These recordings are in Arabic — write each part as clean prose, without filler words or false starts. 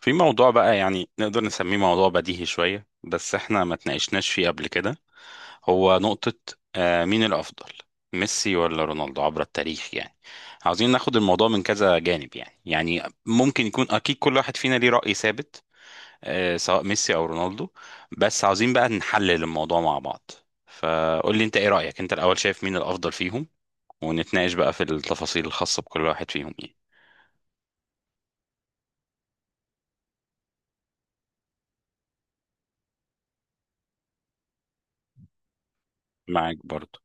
في موضوع بقى يعني نقدر نسميه موضوع بديهي شوية، بس احنا ما تناقشناش فيه قبل كده. هو نقطة: مين الأفضل، ميسي ولا رونالدو عبر التاريخ يعني؟ عاوزين ناخد الموضوع من كذا جانب، يعني ممكن يكون أكيد كل واحد فينا ليه رأي ثابت، سواء ميسي أو رونالدو. بس عاوزين بقى نحلل الموضوع مع بعض. فقول لي انت ايه رأيك انت الأول، شايف مين الأفضل فيهم، ونتناقش بقى في التفاصيل الخاصة بكل واحد فيهم يعني. معاك برضو.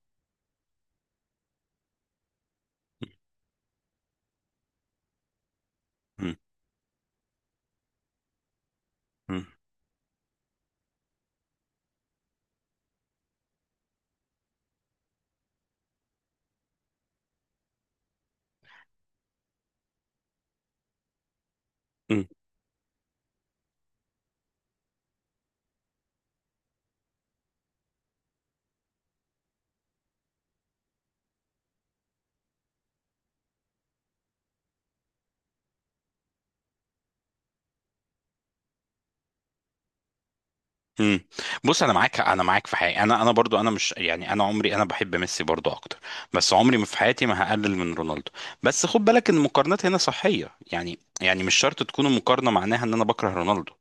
امم بص، انا معاك في حاجه، انا برضو انا مش يعني، انا عمري انا بحب ميسي برضو اكتر، بس عمري ما في حياتي ما هقلل من رونالدو. بس خد بالك ان المقارنات هنا صحيه، يعني مش شرط تكون المقارنه معناها ان انا بكره رونالدو.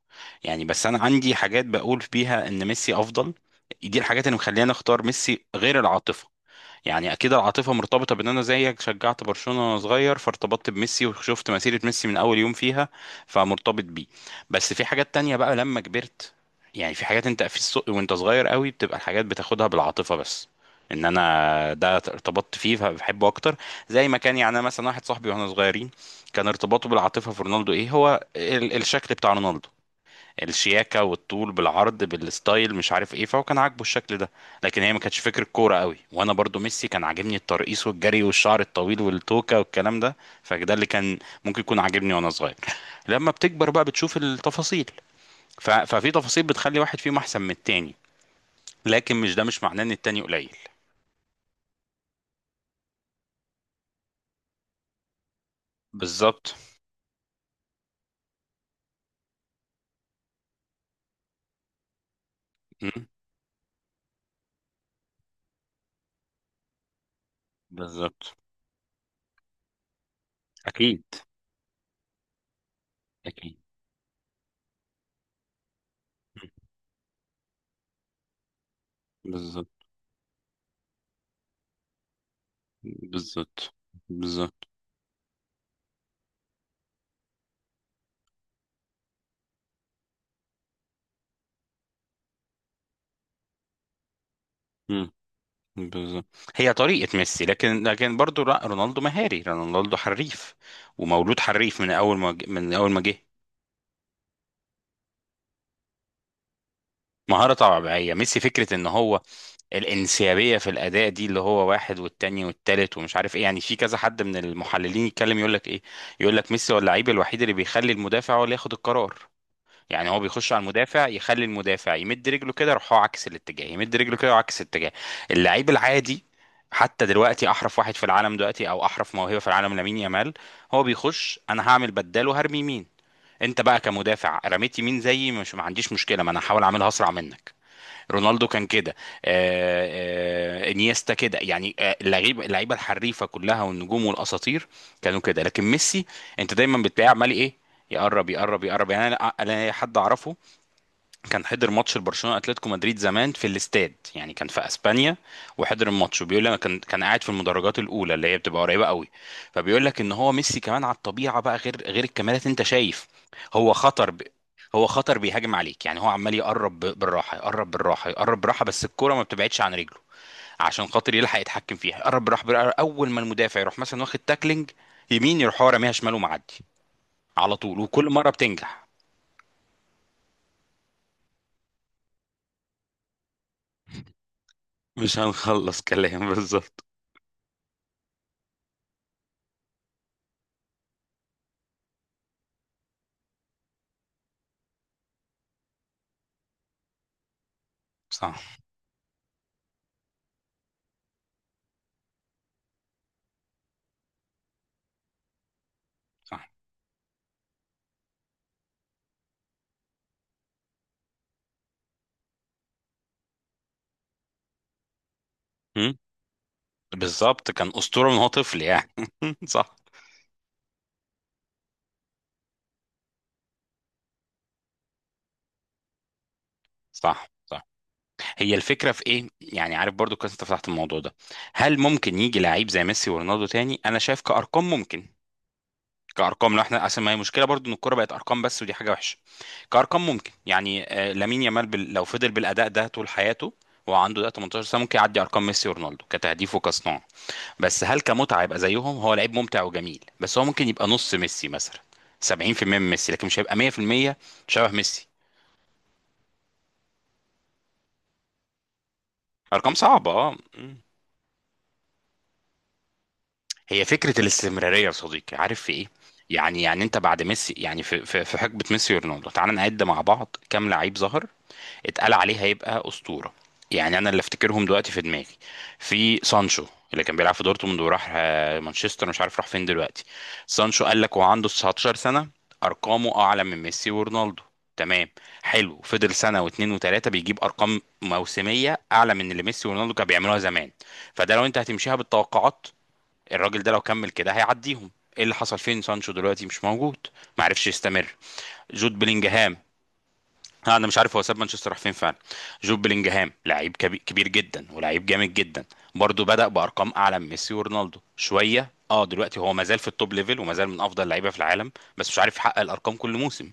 يعني بس انا عندي حاجات بقول فيها ان ميسي افضل، دي الحاجات اللي مخليني اختار ميسي غير العاطفه. يعني اكيد العاطفه مرتبطه بان انا زيك شجعت برشلونه وانا صغير، فارتبطت بميسي وشفت مسيره ميسي من اول يوم فيها، فمرتبط بيه. بس في حاجات تانية بقى لما كبرت. يعني في حاجات انت في السوق وانت صغير قوي بتبقى الحاجات بتاخدها بالعاطفه بس، ان انا ده ارتبطت فيه فبحبه اكتر. زي ما كان يعني، انا مثلا واحد صاحبي واحنا صغيرين كان ارتباطه بالعاطفه في رونالدو ايه؟ هو الشكل بتاع رونالدو، الشياكه والطول بالعرض بالستايل مش عارف ايه، فهو كان عاجبه الشكل ده. لكن هي ما كانتش فكره كوره قوي. وانا برضو ميسي كان عاجبني الترقيص والجري والشعر الطويل والتوكه والكلام ده، فده اللي كان ممكن يكون عاجبني وانا صغير. لما بتكبر بقى بتشوف التفاصيل. ففي تفاصيل بتخلي واحد فيهم احسن من التاني، لكن مش ده مش معناه ان التاني قليل. بالظبط. مم. بالظبط. اكيد، اكيد. بالظبط. بالظبط. بالظبط. بالظبط. هي طريقة ميسي. لكن برضه لا، رونالدو مهاري، رونالدو حريف ومولود حريف من أول ما جه. مهارة طبيعية ميسي، فكرة إن هو الانسيابية في الأداء، دي اللي هو واحد والتاني والتالت ومش عارف إيه. يعني في كذا حد من المحللين يتكلم يقول لك إيه، يقول لك ميسي هو اللعيب الوحيد اللي بيخلي المدافع هو اللي ياخد القرار. يعني هو بيخش على المدافع، يخلي المدافع يمد رجله كده يروح هو عكس الاتجاه، يمد رجله كده وعكس الاتجاه. اللعيب العادي، حتى دلوقتي احرف واحد في العالم دلوقتي، او احرف موهبه في العالم، لامين يامال، هو بيخش انا هعمل بدال وهرمي يمين. انت بقى كمدافع رميت يمين زيي، مش ما عنديش مشكله، ما انا هحاول اعملها اسرع منك. رونالدو كان كده، انيستا كده يعني، اللعيبه الحريفه كلها والنجوم والاساطير كانوا كده، لكن ميسي انت دايما بتلاقيه عمال ايه، يقرب يقرب يقرب. يعني انا حد اعرفه كان حضر ماتش لبرشلونه اتلتيكو مدريد زمان في الاستاد، يعني كان في اسبانيا وحضر الماتش، وبيقول لي انا كان قاعد في المدرجات الاولى اللي هي بتبقى قريبه قوي، فبيقول لك ان هو ميسي كمان على الطبيعه بقى غير الكاميرات انت شايف. هو خطر ب... هو خطر بيهاجم عليك، يعني هو عمال يقرب بالراحه، يقرب بالراحه، يقرب بالراحه، بس الكوره ما بتبعدش عن رجله عشان خاطر يلحق يتحكم فيها، يقرب بالراحه بالراحة. اول ما المدافع يروح مثلا واخد تاكلينج يمين، يروح هو راميها شمال ومعدي على طول، وكل مره بتنجح. مش هنخلص كلام. بالظبط. صح، صح. مم. بالظبط، كان أسطورة من هو طفل يعني. صح، صح، صح. هي الفكرة في إيه؟ يعني عارف، برضو كويس أنت فتحت الموضوع ده. هل ممكن يجي لعيب زي ميسي ورونالدو تاني؟ أنا شايف كأرقام ممكن. كأرقام لو احنا، أصل ما هي مشكلة برضو إن الكورة بقت أرقام بس، ودي حاجة وحشة. كأرقام ممكن يعني، لامين يامال لو فضل بالأداء ده طول حياته وعنده ده 18 سنة، ممكن يعدي أرقام ميسي ورونالدو كتهديف وكصناعة. بس هل كمتعة يبقى زيهم؟ هو لعيب ممتع وجميل، بس هو ممكن يبقى نص ميسي مثلا، 70% من ميسي، لكن مش هيبقى 100% شبه ميسي. ارقام صعبة. اه. مم. هي فكرة الاستمرارية يا صديقي، عارف في ايه؟ يعني انت بعد ميسي، يعني في حقبة ميسي ورونالدو، تعال نعد مع بعض كام لعيب ظهر اتقال عليه هيبقى اسطوره. يعني انا اللي افتكرهم دلوقتي في دماغي: في سانشو اللي كان بيلعب في دورتموند وراح مانشستر، مش عارف راح فين دلوقتي. سانشو قال لك، وعنده 19 سنه ارقامه اعلى من ميسي ورونالدو، تمام؟ حلو، فضل سنه واتنين وتلاته بيجيب ارقام موسميه اعلى من اللي ميسي ورونالدو كانوا بيعملوها زمان، فده لو انت هتمشيها بالتوقعات، الراجل ده لو كمل كده هيعديهم. ايه اللي حصل؟ فين سانشو دلوقتي؟ مش موجود، ما عرفش يستمر. جود بلينجهام، انا مش عارف هو ساب مانشستر راح فين فعلا. جوب بلينجهام لعيب كبير جدا ولاعيب جامد جدا، برضه بدأ بأرقام أعلى من ميسي ورونالدو شوية. اه دلوقتي هو مازال في التوب ليفل، ومازال من أفضل لعيبة في العالم، بس مش عارف يحقق الأرقام كل موسم.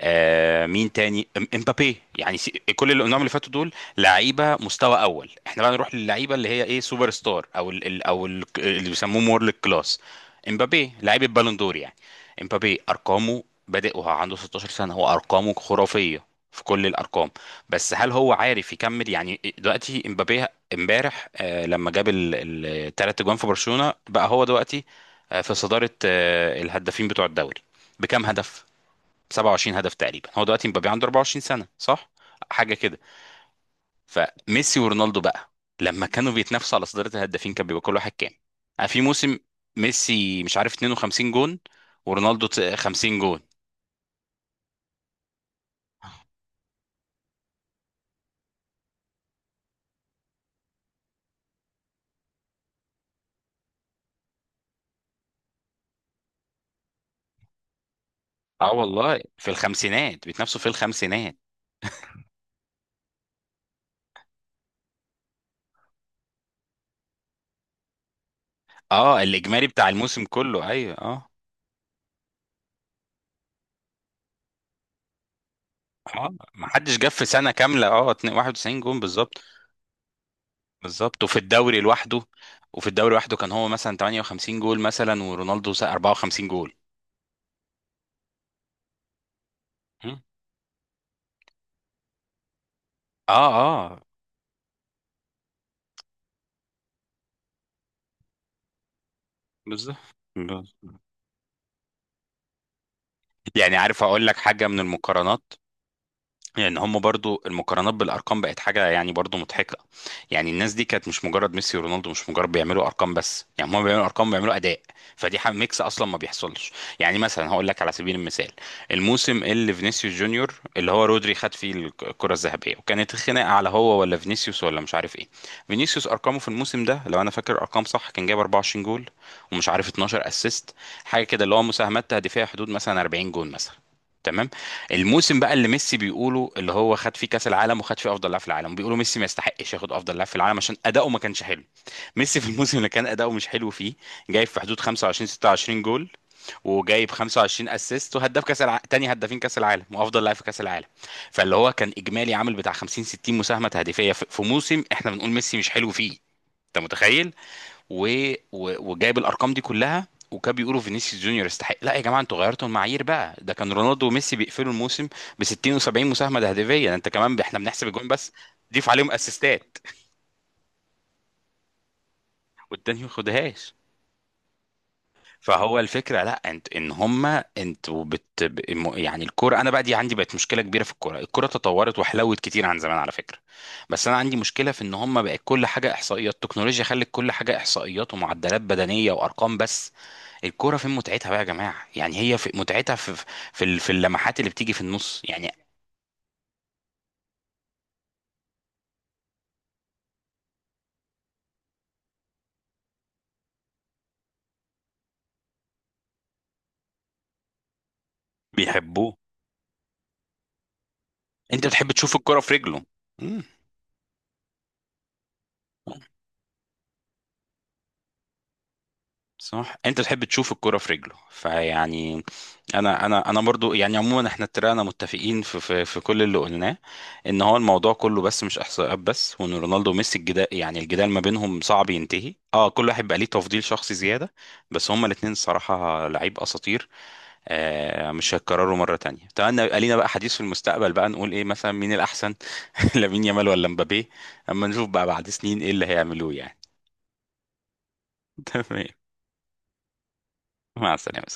مين تاني؟ امبابي يعني، كل النعم اللي فاتوا دول لعيبه مستوى اول. احنا بقى نروح للعيبه اللي هي ايه، سوبر ستار، او ال او ال اللي بيسموهم وورلد كلاس. امبابي لعيب البالون دور يعني. امبابي ارقامه بادئ وهو عنده 16 سنه، هو ارقامه خرافيه في كل الارقام، بس هل هو عارف يكمل؟ يعني دلوقتي امبابي امبارح لما جاب الثلاث اجوان في برشلونه بقى، هو دلوقتي في صداره الهدافين بتوع الدوري بكام هدف؟ 27 هدف تقريبا. هو دلوقتي مبابي عنده 24 سنة، صح؟ حاجة كده. فميسي ورونالدو بقى لما كانوا بيتنافسوا على صدارة الهدافين كان بيبقى كل واحد كام في موسم؟ ميسي مش عارف 52 جون، ورونالدو 50 جون. اه والله، في الخمسينات بيتنافسوا، في الخمسينات. اه، الاجمالي بتاع الموسم كله، ايوه، اه. اه، ما حدش جاب في سنه كامله، اه، 91 جون بالظبط. بالظبط. وفي الدوري لوحده، وفي الدوري لوحده كان هو مثلا 58 جول مثلا، ورونالدو 54 جول. اه. اه. بالظبط. بالظبط. يعني عارف اقول لك حاجه من المقارنات، لان هم برضو المقارنات بالارقام بقت حاجه يعني برضو مضحكه. يعني الناس دي كانت مش مجرد ميسي ورونالدو مش مجرد بيعملوا ارقام بس، يعني هم بيعملوا ارقام، بيعملوا اداء، فدي حاجه ميكس اصلا ما بيحصلش. يعني مثلا هقول لك على سبيل المثال، الموسم اللي فينيسيوس جونيور، اللي هو رودري خد فيه الكره الذهبيه، وكانت الخناقه على هو ولا فينيسيوس ولا مش عارف ايه. فينيسيوس ارقامه في الموسم ده، لو انا فاكر ارقام صح، كان جايب 24 جول ومش عارف 12 اسيست، حاجه كده، اللي هو مساهمات تهديفيه حدود مثلا 40 جول مثلا، تمام. الموسم بقى اللي ميسي بيقولوا اللي هو خد فيه كاس العالم وخد فيه افضل لاعب في العالم، بيقولوا ميسي ما يستحقش ياخد افضل لاعب في العالم عشان اداؤه ما كانش حلو. ميسي في الموسم اللي كان اداؤه مش حلو فيه جايب في حدود 25 26 جول، وجايب 25 اسيست، وهداف تاني هدافين كاس العالم، وافضل لاعب في كاس العالم. فاللي هو كان اجمالي عامل بتاع 50 60 مساهمه تهديفيه في موسم احنا بنقول ميسي مش حلو فيه، انت متخيل؟ و... وجايب الارقام دي كلها، وكان بيقولوا فينيسيوس جونيور يستحق. لا يا جماعه، انتوا غيرتوا المعايير بقى، ده كان رونالدو وميسي بيقفلوا الموسم ب 60 و70 مساهمه تهديفيه، ده انت كمان احنا بنحسب الجون بس، ضيف عليهم اسيستات، والتاني ما ياخدهاش. فهو الفكره، لا انت، ان هما انتوا يعني الكوره، انا بقى دي عندي بقت مشكله كبيره في الكوره. الكوره تطورت وحلوت كتير عن زمان على فكره، بس انا عندي مشكله في ان هما بقت كل حاجه احصائيات، التكنولوجيا خلت كل حاجه احصائيات ومعدلات بدنيه وارقام بس. الكوره فين متعتها بقى يا جماعه؟ يعني هي في متعتها في في اللمحات اللي بتيجي في النص يعني. بيحبوه. انت بتحب تشوف الكوره في رجله. مم. صح، انت تحب تشوف الكرة في رجله فيعني. انا برضو يعني، عموما احنا اتفقنا متفقين في كل اللي قلناه، ان هو الموضوع كله بس مش احصائيات بس، وان رونالدو وميسي الجدال، يعني الجدال ما بينهم صعب ينتهي، كل واحد بقى ليه تفضيل شخصي زيادة، بس هما الاتنين الصراحة لعيب اساطير، مش هيتكرروا مرة تانية. اتمنى يبقى لينا بقى حديث في المستقبل بقى نقول ايه مثلا مين الأحسن، لامين يامال ولا مبابي، اما نشوف بقى بعد سنين ايه اللي هيعملوه يعني. تمام. مع السلامة.